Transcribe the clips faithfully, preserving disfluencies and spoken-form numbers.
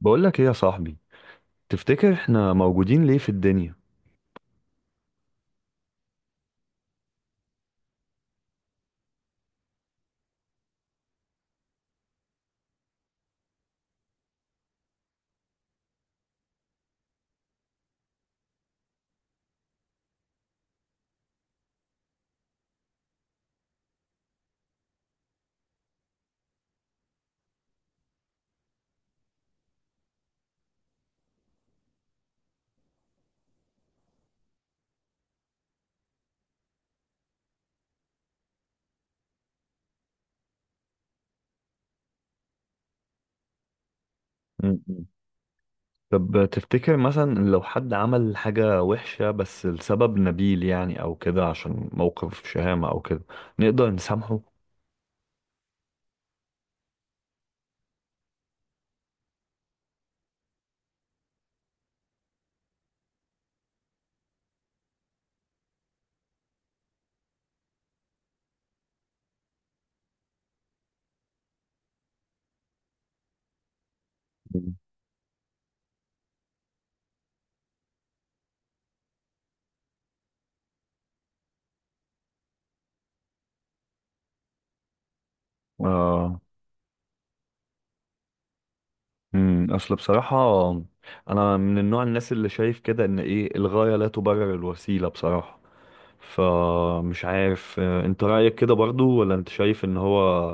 بقولك ايه يا صاحبي؟ تفتكر احنا موجودين ليه في الدنيا؟ م- م. طب تفتكر مثلا لو حد عمل حاجة وحشة بس لسبب نبيل يعني او كده، عشان موقف شهامة او كده، نقدر نسامحه؟ مم. آه. مم. اصل بصراحة انا من النوع الناس اللي شايف كده ان ايه، الغاية لا تبرر الوسيلة بصراحة. فمش عارف، آه، انت رأيك كده برضو، ولا انت شايف ان هو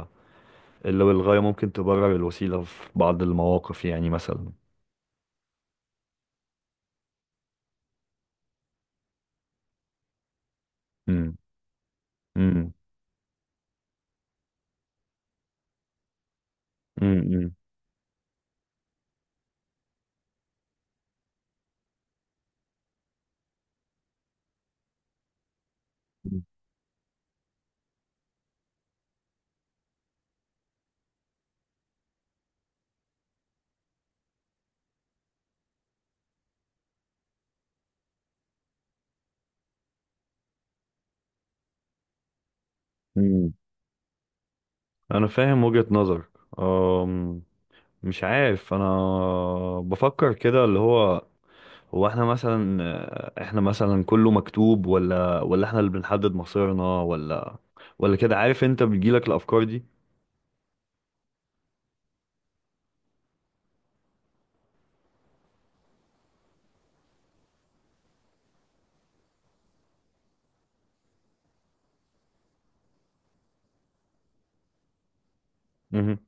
لو الغاية ممكن تبرر الوسيلة في بعض المواقف يعني مثلا. امم. امم. امم. انا فاهم وجهة نظرك. أم، مش عارف انا، بفكر كده اللي هو هو احنا مثلا، احنا مثلا كله مكتوب ولا ولا احنا اللي بنحدد مصيرنا، ولا ولا كده، عارف انت بتجيلك الافكار دي. امم.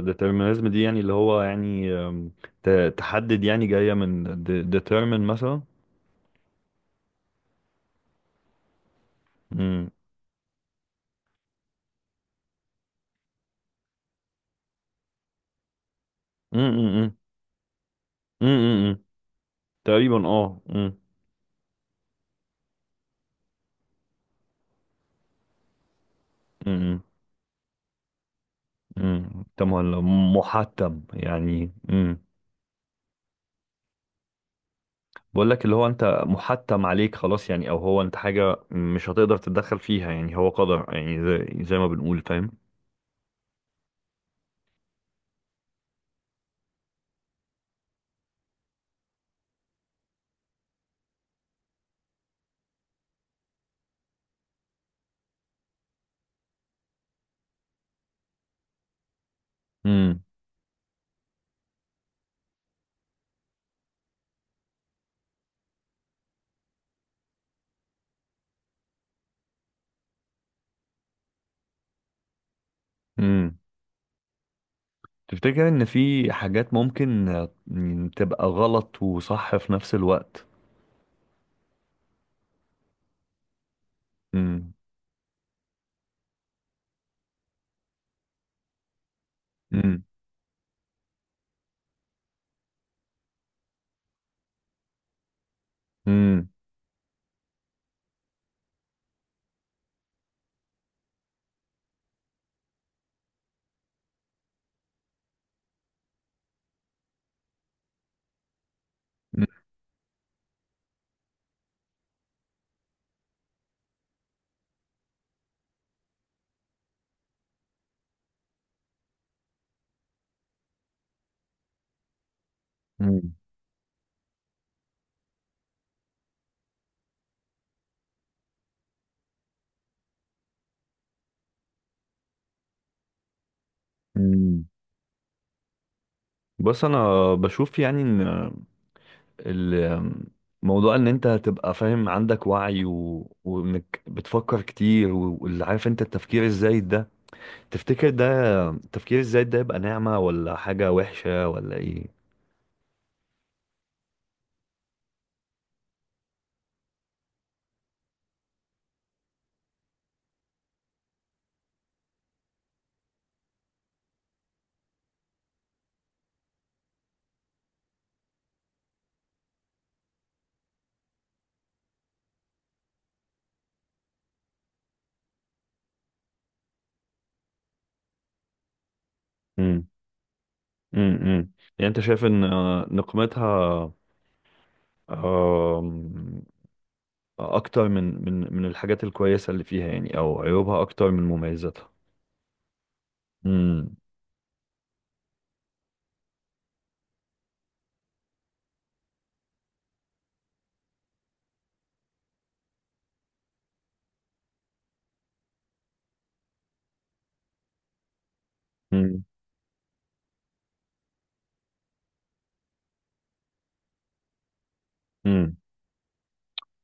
ديترمينيزم دي يعني اللي هو يعني، أم، ت- تحدد يعني، جاية من ديترمين مثلا. امم. امم. امم. امم. تقريبا اه. امم. امم. طب ولا محتم يعني؟ امم. بقول لك اللي هو، انت محتم عليك خلاص يعني، او هو انت حاجه مش هتقدر تتدخل فيها يعني، هو قدر يعني، زي, زي ما بنقول، فاهم. امم. امم. تفتكر ان في حاجات ممكن، آه، تبقى غلط وصح في نفس الوقت؟ امم. امم. امم. امم. بص انا بشوف يعني ان الموضوع ان انت هتبقى فاهم، عندك وعي، و... وانك بتفكر كتير، و- واللي، عارف انت، التفكير الزايد ده، تفتكر ده التفكير الزايد ده يبقى نعمة ولا حاجة وحشة ولا ايه؟ امم. امم. يعني انت شايف ان، آه، نقمتها، آم، اكتر من من من الحاجات الكويسة اللي فيها يعني، او عيوبها اكتر من مميزاتها. امم. امم.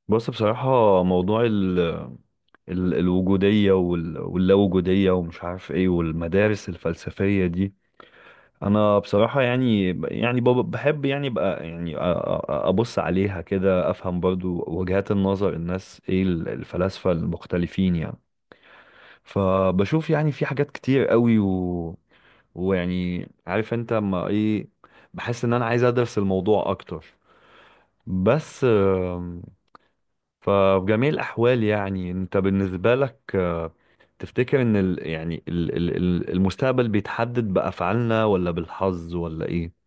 بص، بصراحة موضوع ال ال الوجودية وال- واللاوجودية ومش عارف ايه، والمدارس الفلسفية دي، انا بصراحة يعني، يعني بب- بحب يعني بقى يعني أ- أ- ابص عليها كده، افهم برضو وجهات النظر الناس ايه، ال- الفلاسفة المختلفين يعني. فبشوف يعني في حاجات كتير قوي، و... ويعني عارف انت ما ايه، بحس ان انا عايز ادرس الموضوع اكتر، بس آمم. ففي جميع الأحوال يعني، أنت بالنسبة لك، آه، تفتكر إن ال يعني ال ال ال- المستقبل بيتحدد بأفعالنا ولا بالحظ ولا إيه؟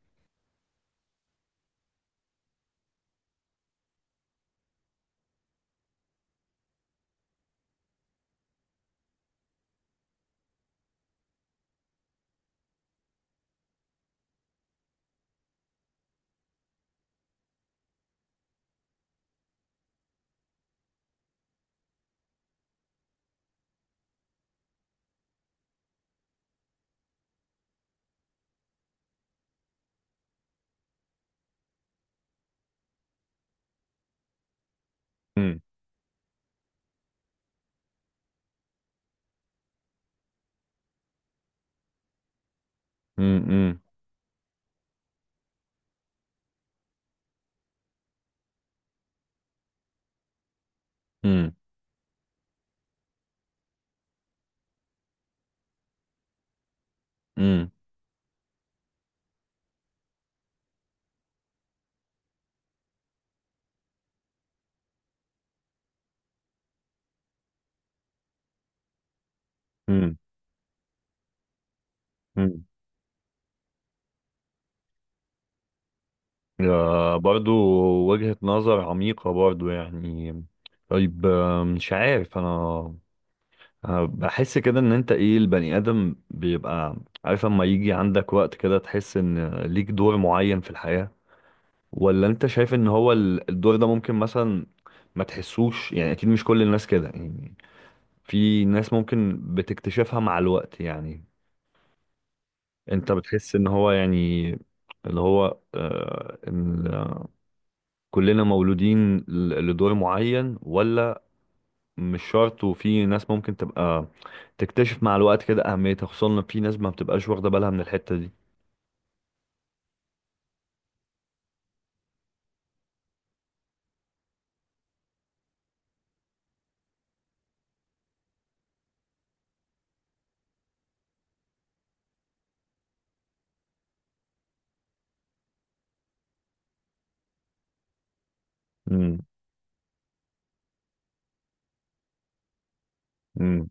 مم. مم. مم. مم. مم. مم. آه، برضو وجهة نظر عميقة برضو يعني. طيب، آه، مش عارف أنا، آه، بحس كده إن أنت إيه، البني آدم بيبقى عارف، أما يجي عندك وقت كده تحس إن ليك دور معين في الحياة، ولا انت شايف ان هو ال- الدور ده ممكن مثلا ما تحسوش يعني؟ اكيد مش كل الناس كده يعني، في ناس ممكن بتكتشفها مع الوقت يعني. انت بتحس ان هو يعني اللي هو، آه، إن كلنا مولودين ل- لدور معين، ولا مش شرط، وفي ناس ممكن تبقى تكتشف مع الوقت كده اهميتها، خصوصا ان في ناس ما بتبقاش واخدة بالها من الحتة دي؟ امم. امم.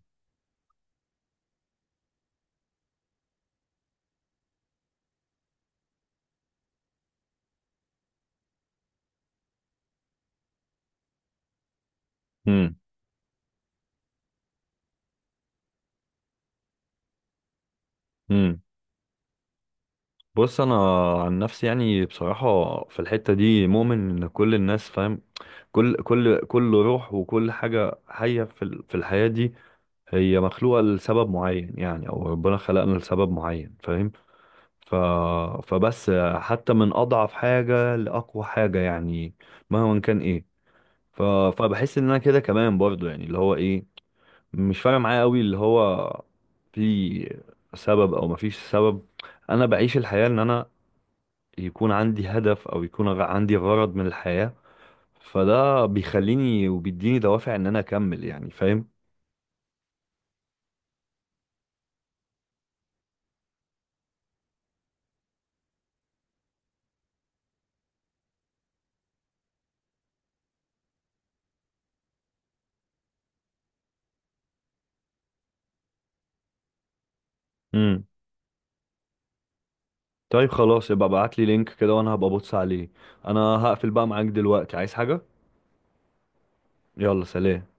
امم. بص انا عن نفسي يعني، بصراحه في الحته دي مؤمن ان كل الناس، فاهم، كل كل كل روح وكل حاجه حيه في ال- في الحياه دي هي مخلوقه لسبب معين يعني، او ربنا خلقنا لسبب معين، فاهم. ف فبس حتى من اضعف حاجه لاقوى حاجه يعني، مهما كان ايه. ف فبحس ان انا كده كمان برضو يعني اللي هو ايه، مش فارق معايا قوي اللي هو، في سبب او مفيش سبب. انا بعيش الحياه ان انا يكون عندي هدف، او يكون غ- عندي غرض من الحياة، فده بيخليني وبيديني دوافع ان انا اكمل يعني، فاهم. امم. طيب خلاص، يبقى ابعت لي لينك كده وانا هبقى ابص عليه. انا هقفل بقى معاك دلوقتي، عايز حاجة؟ يلا سلام.